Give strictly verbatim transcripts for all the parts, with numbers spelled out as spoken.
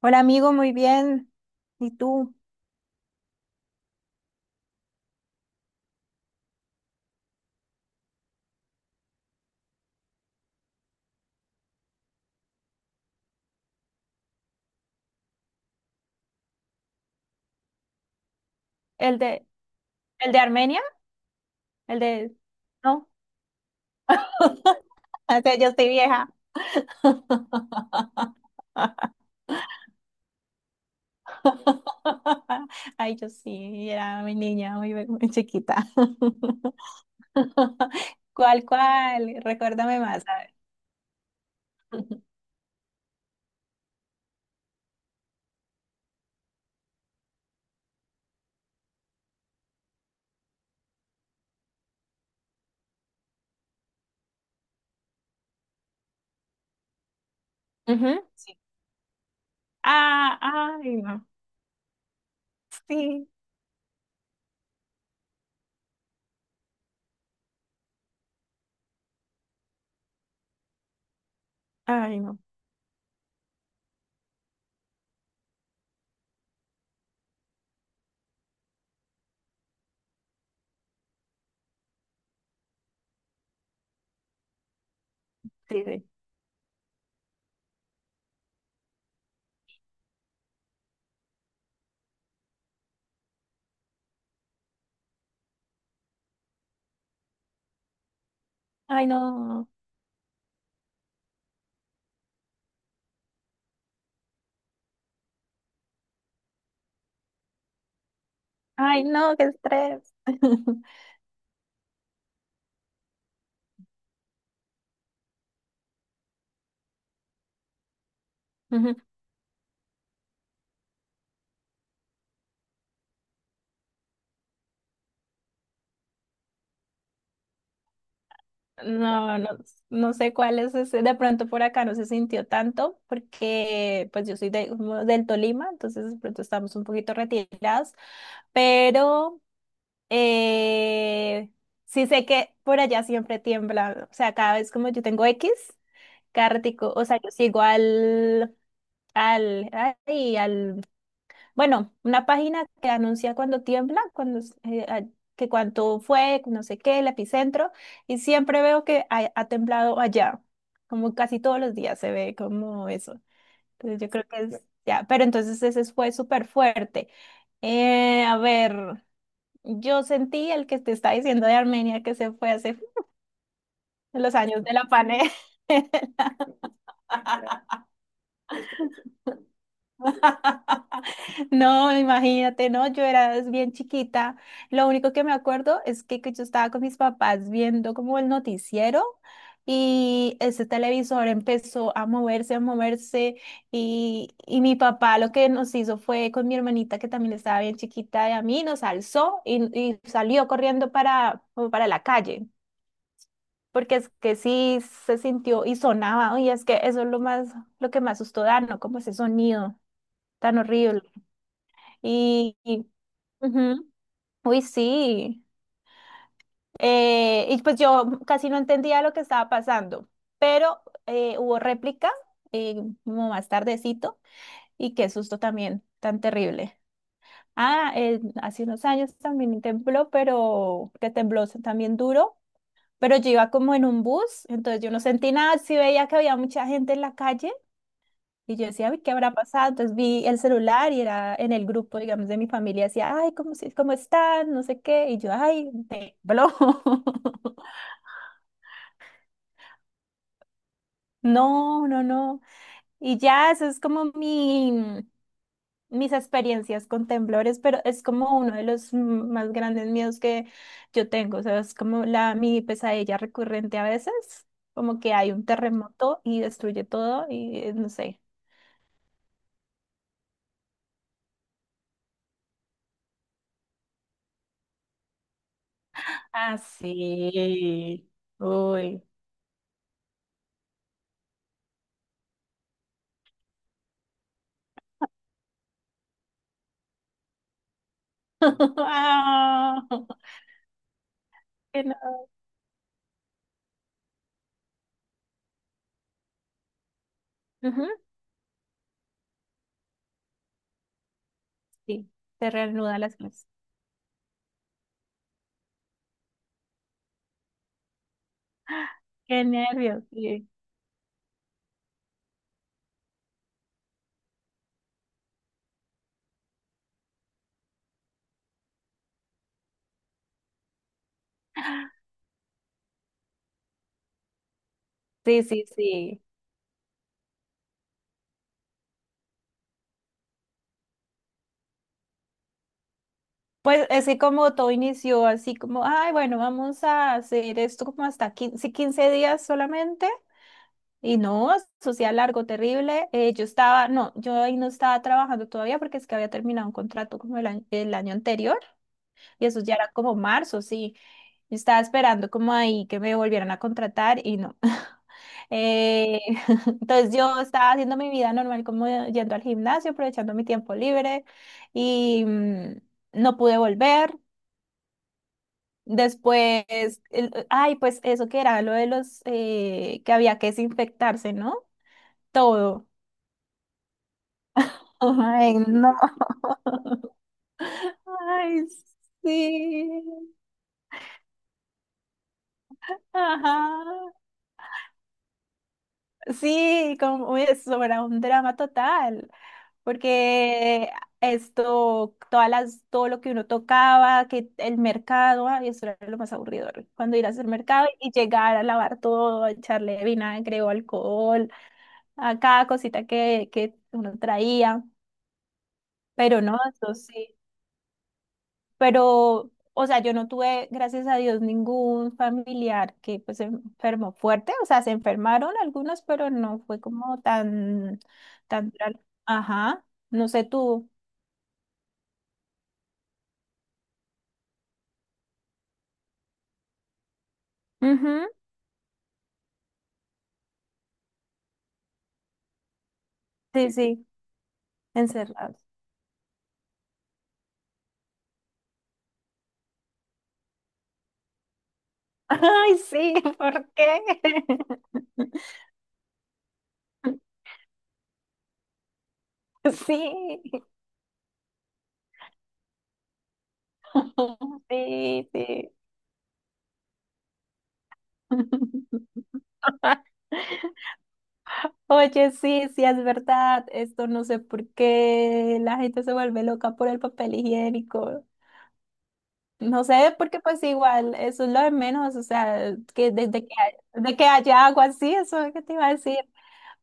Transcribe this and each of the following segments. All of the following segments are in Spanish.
Hola amigo, muy bien. ¿Y tú? ¿El de, el de Armenia? ¿El de? No? O sea, yo estoy vieja. Ay, yo sí, era mi niña, muy, be- muy chiquita. ¿Cuál, cuál? Recuérdame más, a ver. Ujú, sí. Ah, ay, no. Sí. Ay, no. Sí, sí. Ay, no. Ay, no, qué estrés. Ujú. No, no, no sé cuál es ese. De pronto por acá no se sintió tanto porque pues yo soy de- como del Tolima, entonces de pronto estamos un poquito retirados, pero eh, sí sé que por allá siempre tiembla, o sea, cada vez como yo tengo X, cada ratico, o sea, yo sigo al, al, ay, al bueno, una página que anuncia cuando tiembla, cuando es- eh, a- que cuánto fue, no sé qué, el epicentro, y siempre veo que ha, ha temblado allá, como casi todos los días se ve como eso. Entonces yo creo que es ya, pero entonces ese fue súper fuerte. Eh, a ver, yo sentí el que te está diciendo de Armenia que se fue hace en los años de la pane. No, imagínate, no, yo era bien chiquita. Lo único que me acuerdo es que, que yo estaba con mis papás viendo como el noticiero y ese televisor empezó a moverse, a moverse y, y mi papá lo que nos hizo fue con mi hermanita que también estaba bien chiquita de a mí, nos alzó y, y salió corriendo para, como para la calle. Porque es que sí se sintió y sonaba, y es que eso es lo más, lo que me asustó, dar, ¿no? Como ese sonido tan horrible. Y, y- Ujú, uy, sí. Eh, y pues yo casi no entendía lo que estaba pasando, pero eh, hubo réplica eh, como más tardecito y qué susto también tan terrible. Ah, eh, hace unos años también tembló, pero que tembló también duro, pero yo iba como en un bus, entonces yo no sentí nada, sí veía que había mucha gente en la calle. Y yo decía, "Ay, ¿qué habrá pasado?" Entonces vi el celular y era en el grupo, digamos, de mi familia. Decía, ay, ¿cómo, se- cómo están? No sé qué. Y yo, ay, de blo. No, no, no. Y ya, eso es como mi, mis experiencias con temblores, pero es como uno de los mm, más grandes miedos que yo tengo. O sea, es como la, mi pesadilla recurrente a veces, como que hay un terremoto y destruye todo y eh, no sé. Ah, sí. Uy. Ah, que no- Ujú, sí, se reanuda las clases. Qué nervios. Sí. Sí, sí, sí. Pues es que como todo inició así como, ay, bueno, vamos a hacer esto como hasta quince, quince días solamente. Y no, eso sí, era largo, terrible. Eh, yo estaba, no, yo ahí no estaba trabajando. Yo estaba esperando como ahí que me volvieran a contratar y no. Eh, entonces yo estaba haciendo mi vida normal como yendo al gimnasio, aprovechando mi tiempo libre y mm, no pude volver. Después, el- ay, pues eso que era lo de los eh, que había que desinfectarse, ¿no? Todo. Ay, no. Ay, sí. Ajá. Sí, como eso era un drama total, porque esto, todas las, todo lo que uno tocaba, que el mercado, ay, eso era lo más aburrido, cuando ir a hacer mercado y llegar a lavar todo, a echarle vinagre o alcohol, a cada cosita que, que uno traía, pero no, eso sí pero, o sea, yo no tuve, gracias a Dios, ningún familiar que pues se enfermó fuerte, o sea, se enfermaron algunos, pero no fue como tan, tan, dra-, ajá, no sé tú. Ujú, sí, sí, encerrados. Ay, sí, ¿por qué? Sí, sí, sí. Oye, sí, sí, es verdad. Esto no sé por qué la gente se vuelve loca por el papel higiénico. No sé, porque pues igual, eso es lo de menos, o sea, que desde que, hay- de que haya agua así, eso es lo que te iba a decir.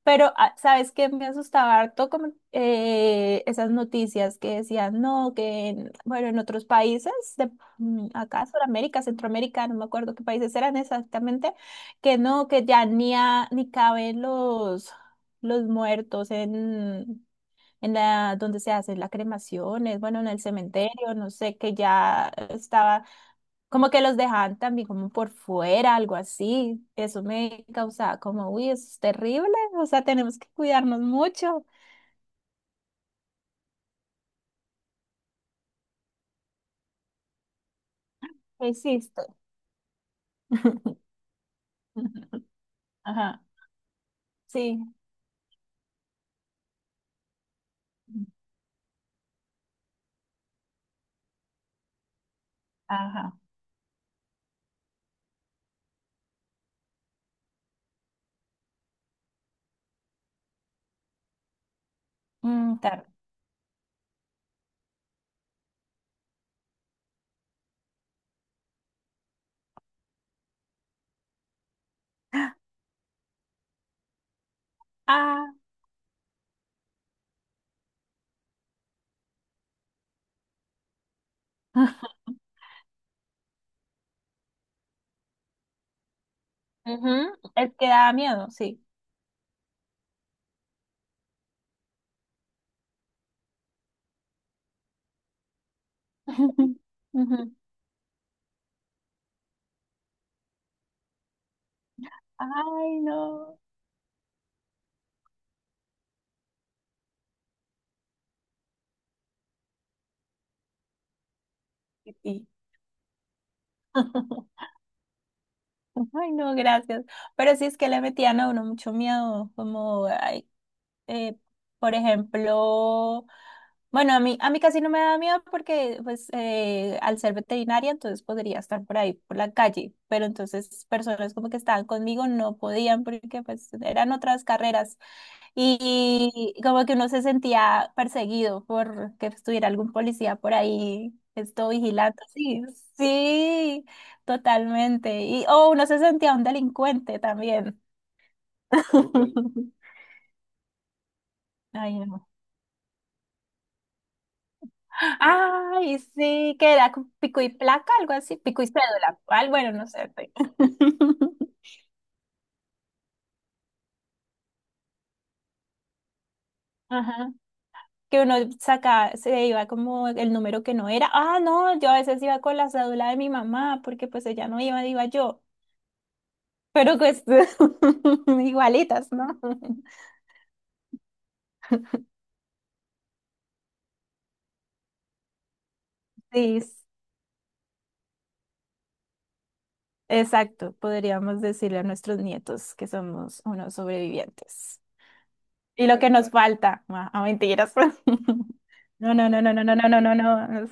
Pero, ah, ¿sabes qué? Me asustaba harto como eh, esas noticias que decían, no, que, en- bueno, en otros países, de, mm, acá, Sudamérica, Centroamérica, no me acuerdo qué países eran exactamente, que no, que ya ni, a- ni caben los, los muertos en en la donde se hacen las cremaciones, bueno, en el cementerio, no sé, que ya estaba como que los dejaban también como por fuera, algo así. Eso me causaba como, uy, eso es terrible, o sea, tenemos que cuidarnos mucho. Existe. Ajá, sí, ajá. Mm, tarde. Ah, ujú, el que da miedo, sí. Ujú. Ay, no. Sí. Ay, no, gracias. Pero sí es que le metían a uno mucho miedo, como, ay, eh, por ejemplo, bueno, a mí, a mí casi no me da miedo porque pues eh, al ser veterinaria entonces podría estar por ahí, por la calle, pero entonces personas como que estaban conmigo no podían porque pues eran otras carreras y, y como que uno se sentía perseguido por que estuviera algún policía por ahí. Esto vigilando, sí, sí, totalmente. Y, o uno se sentía un delincuente también. Ay, no. Ay, sí, que era con pico y placa, algo así, pico y cédula. Ay, bueno, no sé. te- Ajá. Que uno saca, se iba como el número que no era. Ah, no, yo a veces iba con la cédula de mi mamá, porque pues ella no iba, iba yo. Pero pues igualitas, ¿no? Sí, s- exacto. Podríamos decirle a nuestros nietos que somos unos sobrevivientes. Y lo que nos falta, ah, ah, mentiras. No, no, no, no, no, no, no, no, no, no.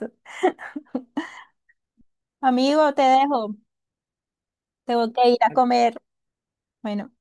Amigo, te dejo. Tengo que ir a comer. Bueno.